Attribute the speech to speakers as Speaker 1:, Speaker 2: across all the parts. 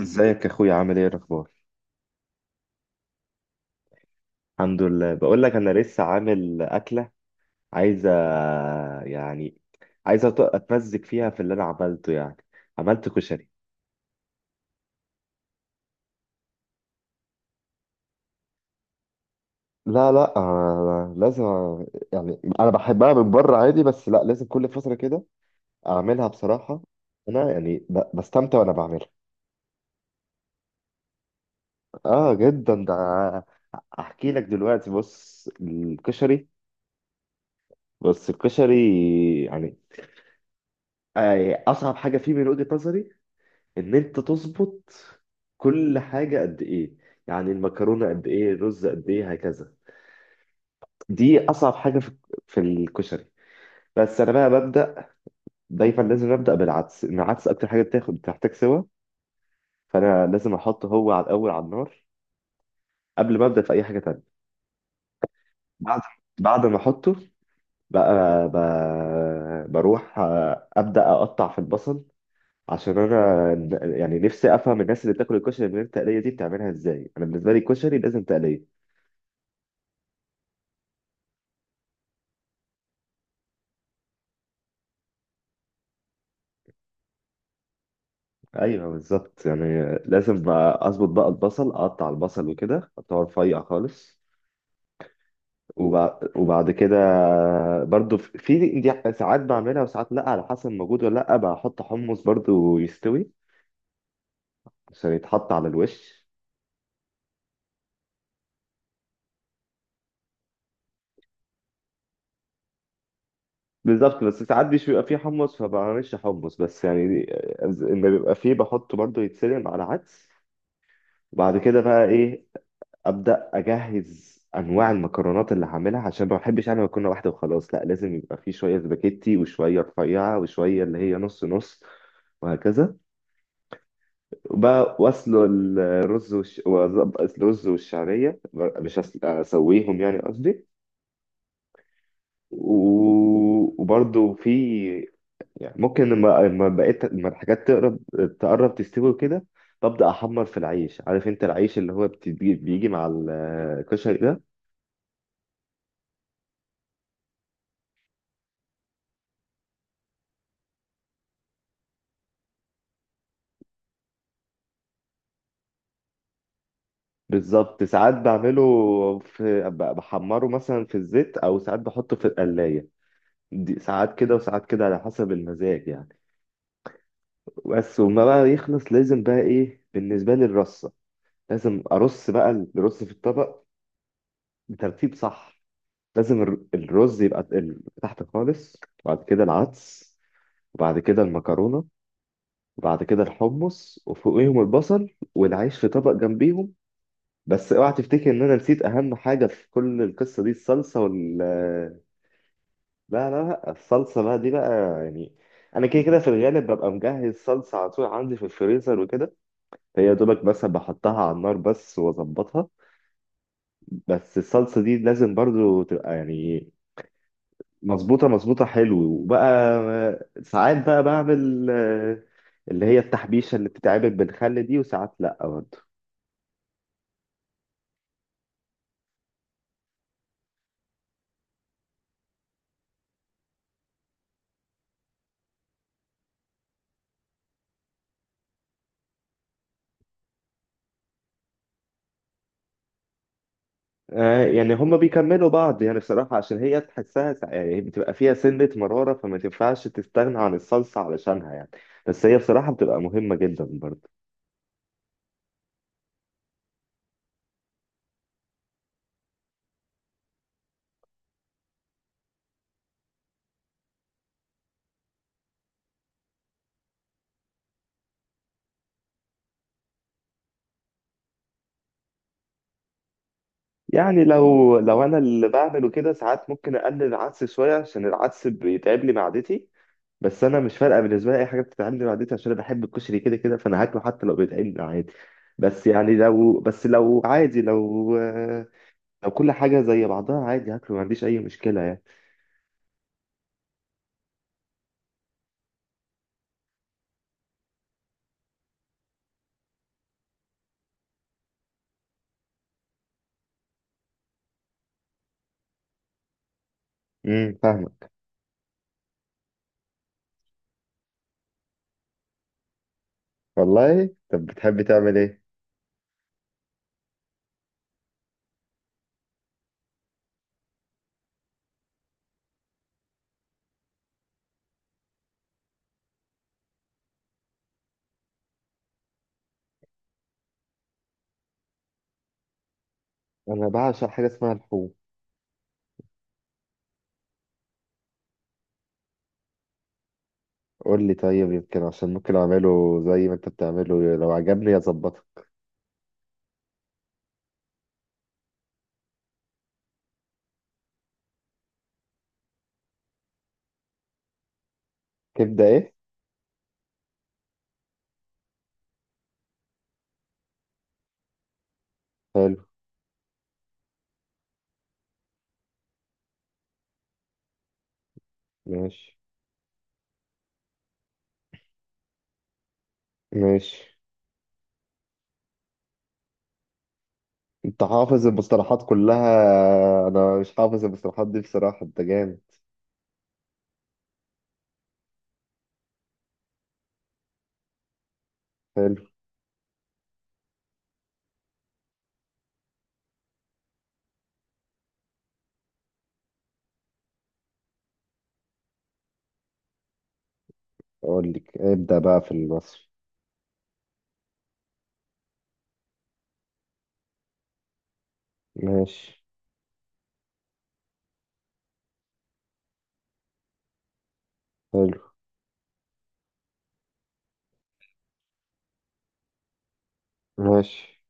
Speaker 1: ازيك يا اخويا، عامل ايه الاخبار؟ الحمد لله، بقول لك انا لسه عامل اكله. عايزه يعني عايزه اتمزج فيها في اللي انا عملته عملت كشري. لا لا آه، لازم. يعني انا بحبها من بره عادي، بس لا، لازم كل فتره كده اعملها بصراحه. انا بستمتع وانا بعملها. اه جدا ده. احكي لك دلوقتي، بص الكشري. بص الكشري يعني اصعب حاجه فيه من وجهه نظري ان انت تظبط كل حاجه قد ايه. يعني المكرونه قد ايه، الرز قد ايه، هكذا. دي اصعب حاجه في الكشري. بس انا بقى ببدا دايما، لازم ابدا بالعدس، إن العدس اكتر حاجه بتاخد، بتحتاج سوا، فانا لازم احطه هو على الاول على النار قبل ما ابدا في اي حاجه تانية. بعد بعد ما احطه بقى بروح ابدا اقطع في البصل. عشان انا نفسي افهم الناس اللي بتاكل الكشري من غير تقليه دي بتعملها ازاي. انا بالنسبه لي الكشري لازم تقليه. ايوه بالظبط، يعني لازم بقى اظبط بقى البصل، اقطع البصل وكده اقطعه رفيع خالص. وبعد كده برضو في دي ساعات بعملها وساعات لا، على حسب موجود ولا لا. بحط حمص برضو يستوي عشان يتحط على الوش. بالظبط، بس ساعات مش بيبقى فيه حمص فبعملش حمص، بس يعني اما بيبقى فيه بحطه برضو يتسلق على عدس. وبعد كده بقى ايه، ابدا اجهز انواع المكرونات اللي هعملها، عشان ما بحبش انا مكرونه واحده وخلاص، لا لازم يبقى في شويه سباكيتي وشويه رفيعه وشويه اللي هي نص نص، وهكذا. وبقى واسلق الرز وأظبط الرز والشعريه، مش اسويهم يعني قصدي. و... وبرده في، يعني ممكن لما بقيت لما الحاجات تقرب تستوي كده ببدا احمر في العيش. عارف انت العيش اللي هو بيجي مع الكشري ده. بالظبط، ساعات بعمله في بحمره مثلا في الزيت، او ساعات بحطه في القلايه، دي ساعات كده وساعات كده على حسب المزاج يعني. بس وما بقى يخلص لازم بقى ايه، بالنسبه لي الرصه، لازم ارص بقى الرز في الطبق بترتيب صح. لازم الرز يبقى تحت خالص، وبعد كده العدس، وبعد كده المكرونه، وبعد كده الحمص، وفوقيهم البصل، والعيش في طبق جنبيهم. بس اوعى تفتكر ان انا نسيت اهم حاجه في كل القصه دي، الصلصه وال... لا لا لا الصلصة بقى دي بقى، يعني أنا كده كده في الغالب ببقى مجهز صلصة على طول عندي في الفريزر وكده، هي دوبك بس بحطها على النار بس وأظبطها. بس الصلصة دي لازم برضو تبقى يعني مظبوطة مظبوطة. حلو. وبقى ساعات بقى بعمل اللي هي التحبيشة اللي بتتعمل بالخل دي، وساعات لأ برضو. يعني هما بيكملوا بعض يعني، الصراحة عشان هي تحسها يعني بتبقى فيها سنة مرارة، فما تنفعش تستغنى عن الصلصة علشانها يعني. بس هي بصراحة بتبقى مهمة جدا برضه. يعني لو أنا اللي بعمله كده ساعات ممكن أقلل العدس شوية، عشان العدس بيتعب لي معدتي. بس أنا مش فارقة، بالنسبة لي أي حاجة بتتعب لي معدتي، عشان أنا بحب الكشري كده كده، فأنا هاكله حتى لو بيتعب لي عادي. بس يعني لو عادي، لو لو كل حاجة زي بعضها عادي هاكله، ما عنديش أي مشكلة يعني. فاهمك. والله، طب بتحبي تعمل ايه؟ انا بعشق حاجه اسمها الحوم. قول لي طيب، يمكن عشان ممكن اعمله زي ما انت بتعمله، لو عجبني اظبطه. كبده ايه؟ حلو. ماشي. ماشي. انت حافظ المصطلحات كلها؟ انا مش حافظ المصطلحات دي بصراحه، انت جامد. حلو. اقول لك ابدا بقى في المصري. ماشي. حلو. ماشي.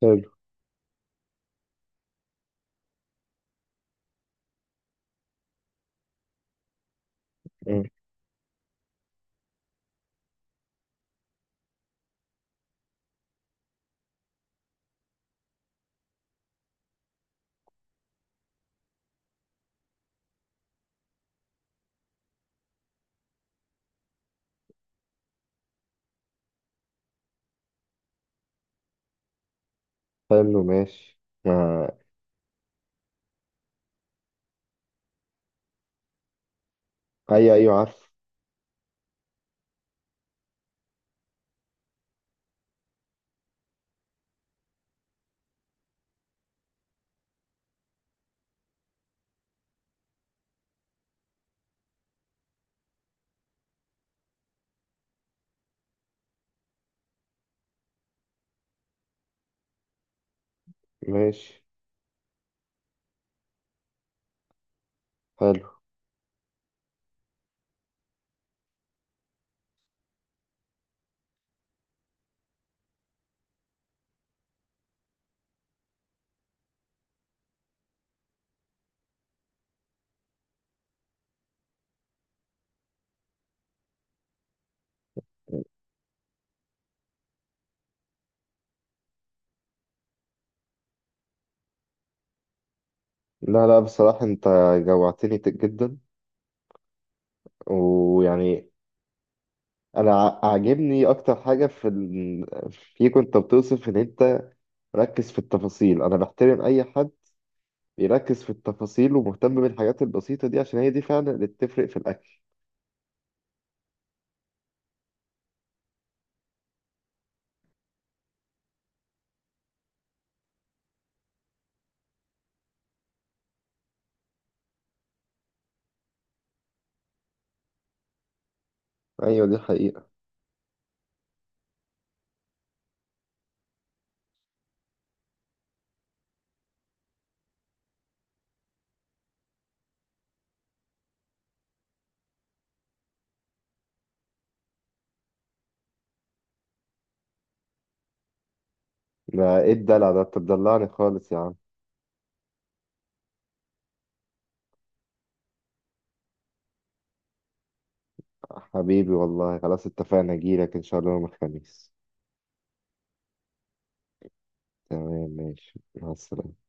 Speaker 1: حلو. مم. حلو. ماشي. ما... ايوه ايوه عارف. ماشي. حلو. لا لا، بصراحة انت جوعتني، جدا. ويعني انا عاجبني اكتر حاجه في فيك انت، بتوصف ان انت ركز في التفاصيل. انا بحترم اي حد بيركز في التفاصيل ومهتم بالحاجات البسيطه دي، عشان هي دي فعلا اللي بتفرق في الاكل. ايوه دي حقيقه. ده ايه الدلع ده، انت بتدلعني خالص يا عم. حبيبي والله، خلاص اتفقنا، اجيلك ان شاء الله يوم الخميس. تمام، ماشي، مع السلامه.